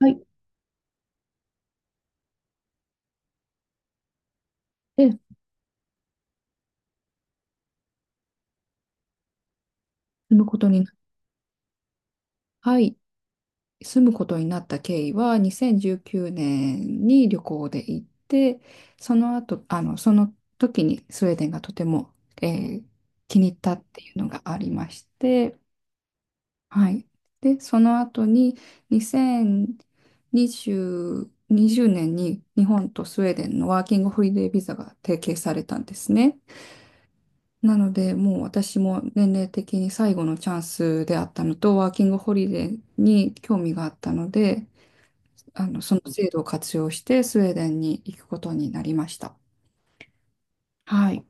はい。で、住むことにな、はい。住むことになった経緯は、2019年に旅行で行って、その後、その時にスウェーデンがとても、えー気に入ったっていうのがありまして、はい。で、その後に2020、20年に日本とスウェーデンのワーキングホリデービザが提携されたんですね。なので、もう私も年齢的に最後のチャンスであったのと、ワーキングホリデーに興味があったので、その制度を活用してスウェーデンに行くことになりました。はい。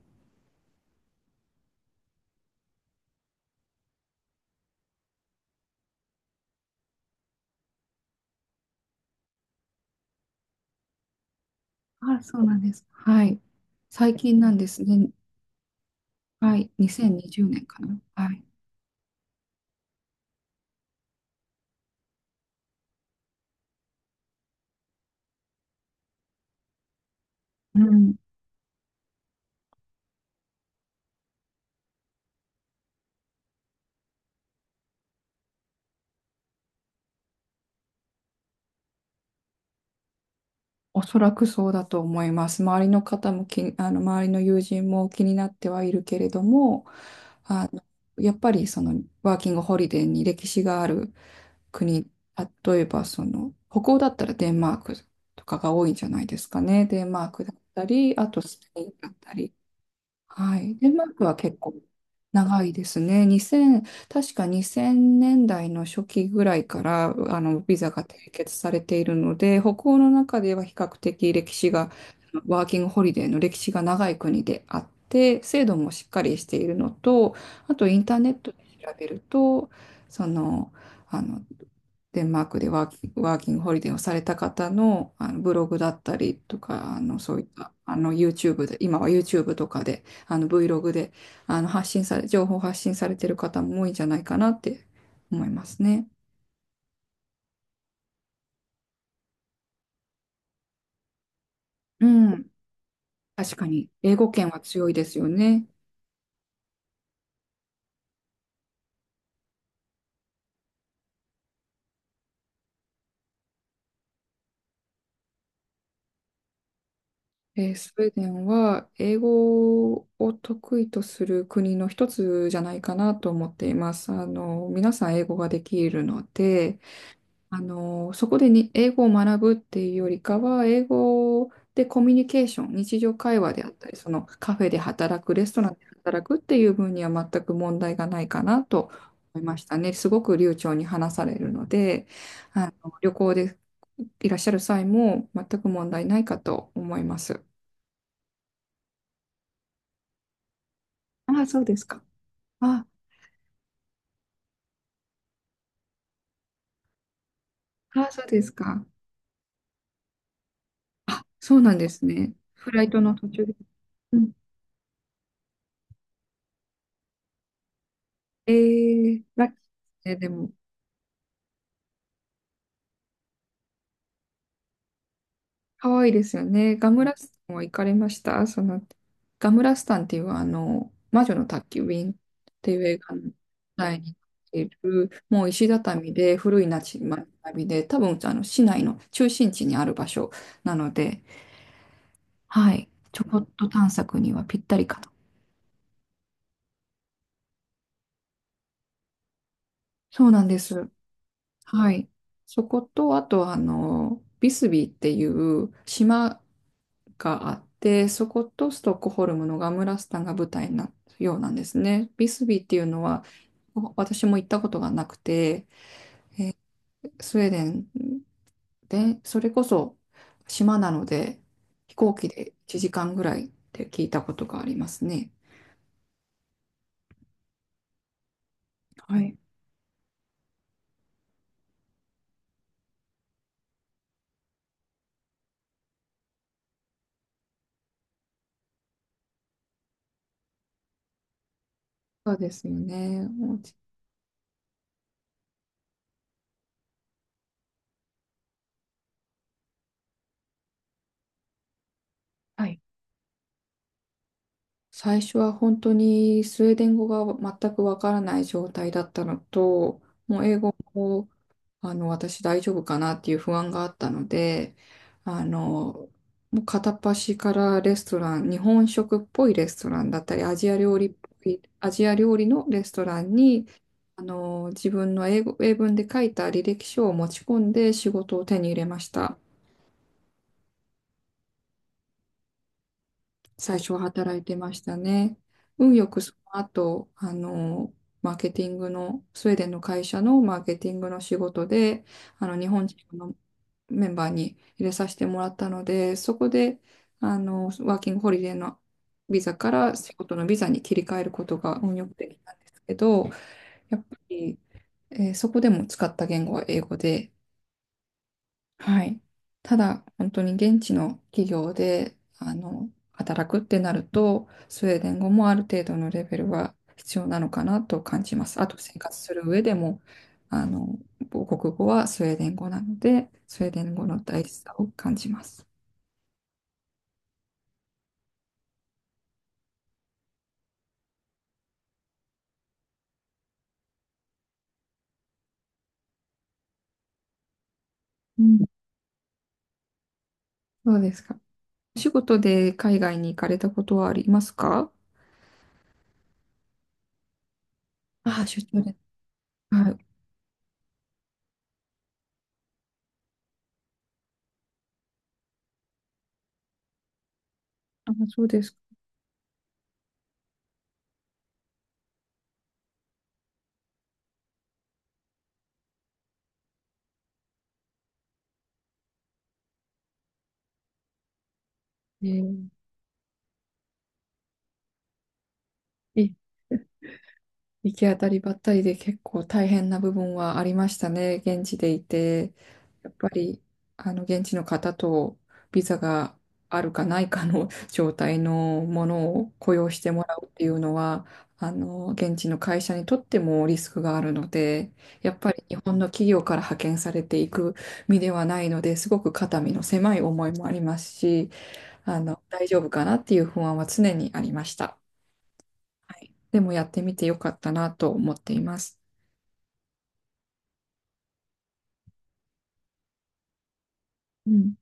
あ、そうなんです。はい。最近なんですね。はい。2020年かな。はい。うん。おそらくそうだと思います。周りの友人も気になってはいるけれども、あの、やっぱりそのワーキングホリデーに歴史がある国、例えばその、北欧だったらデンマークとかが多いんじゃないですかね。デンマークだったり、あとスペインだったり。はい。デンマークは結構長いですね。2000、確か2000年代の初期ぐらいから、ビザが締結されているので、北欧の中では比較的歴史が、ワーキングホリデーの歴史が長い国であって、制度もしっかりしているのと、あとインターネットで調べると、その、あの、デンマークでワーキングホリデーをされた方の、ブログだったりとか、あのそういったあの YouTube で、今は YouTube とかでVlog であの発信され、情報発信されてる方も多いんじゃないかなって思いますね。うん。確かに、英語圏は強いですよね。スウェーデンは英語を得意とする国の一つじゃないかなと思っています。皆さん英語ができるので、そこでに英語を学ぶっていうよりかは、英語でコミュニケーション、日常会話であったり、そのカフェで働く、レストランで働くっていう分には全く問題がないかなと思いましたね。すごく流暢に話されるので、旅行でいらっしゃる際も全く問題ないかと思います。ああ、そうですか。ああ、そうですか。あ、そうなんですね。フライトの途中で。うん。ラッキーですねでも。可愛いですよね。ガムラスタンも行かれましたその、ガムラスタンっていう魔女の宅急便っていう映画の題になっている、もう石畳で古い町並みで、多分あの市内の中心地にある場所なので、はい、ちょこっと探索にはぴったりかと。そうなんです。はい。そこと、あと、あの、ビスビーっていう島があって、そことストックホルムのガムラスタンが舞台になったようなんですね。ビスビーっていうのは、私も行ったことがなくて、スウェーデンで、それこそ島なので、飛行機で1時間ぐらいって聞いたことがありますね。はい。そうですよね。おうちはい。最初は本当にスウェーデン語が全くわからない状態だったのと、もう英語も私大丈夫かなっていう不安があったので、あの、もう片っ端からレストラン、日本食っぽいレストランだったり、アジア料理っぽい、アジア料理のレストランに、自分の英文で書いた履歴書を持ち込んで仕事を手に入れました。最初は働いてましたね。運よくその後、マーケティングの、スウェーデンの会社のマーケティングの仕事で、日本人のメンバーに入れさせてもらったので、そこで、ワーキングホリデーのビザから仕事のビザに切り替えることが運よくできたんですけど、やっぱり、そこでも使った言語は英語で、はい。ただ、本当に現地の企業で、働くってなると、スウェーデン語もある程度のレベルは必要なのかなと感じます。あと、生活する上でも、あの、母国語はスウェーデン語なので、スウェーデン語の大事さを感じます。うん。そうですか。お仕事で海外に行かれたことはありますか？ああ、出張で。はい。あ、そうですか。えーえ行き当たりばったりで結構大変な部分はありましたね。現地でいて、やっぱり、現地の方とビザがあるかないかの 状態のものを雇用してもらうっていうのは、現地の会社にとってもリスクがあるので、やっぱり日本の企業から派遣されていく身ではないので、すごく肩身の狭い思いもありますし、大丈夫かなっていう不安は常にありました。でもやってみてよかったなと思っています。うん。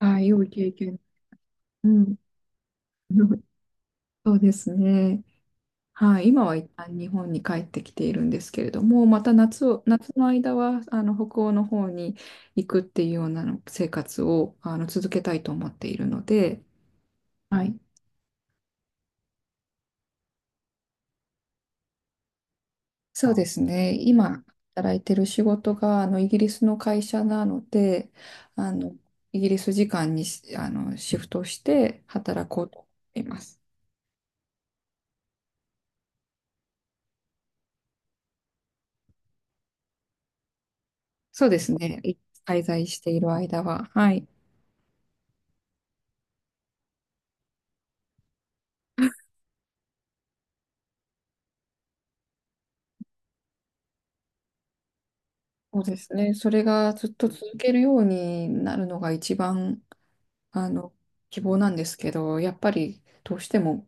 はい、良い経験。うん、そうですね。はい、今は一旦日本に帰ってきているんですけれども、また夏の間は北欧の方に行くっていうようなの生活を続けたいと思っているので、はい、そうですね。今働いてる仕事がイギリスの会社なので、あのイギリス時間にしあのシフトして働こうと思っています。そうですね。滞在している間は。はい。そうですね。それがずっと続けるようになるのが一番、あの、希望なんですけど、やっぱりどうしても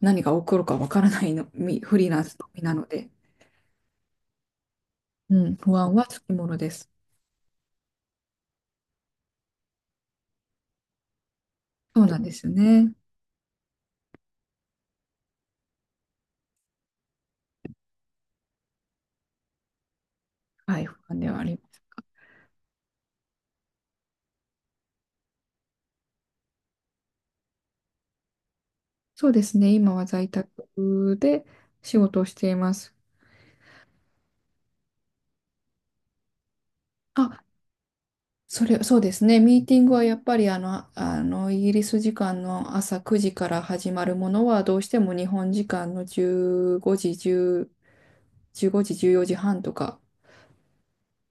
何が起こるかわからないフリーランスの身なので、うん、不安はつきものです。そうなんですよね。はい、不安ではあります。そうですね。今は在宅で仕事をしています。あ、それ、そうですね。ミーティングはやっぱりイギリス時間の朝9時から始まるものは、どうしても日本時間の15時、10、15時、14時半とか、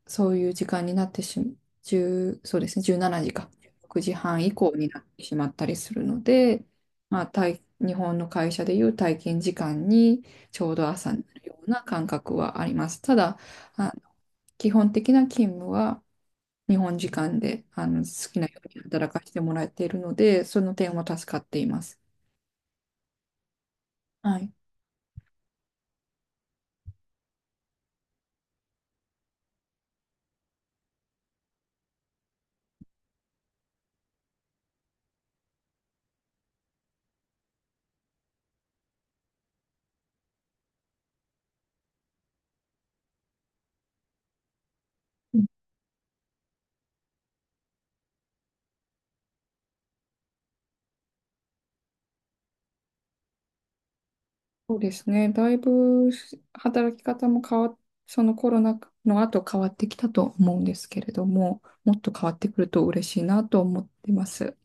そういう時間になって10、そうですね、17時か、6時半以降になってしまったりするので、まあ、日本の会社でいう体験時間にちょうど朝になるような感覚はあります。ただ、あの基本的な勤務は、日本時間であの好きなように働かせてもらっているので、その点は助かっています。はい。うんそうですね。だいぶ働き方も変わ、そのコロナの後変わってきたと思うんですけれども、もっと変わってくると嬉しいなと思ってます。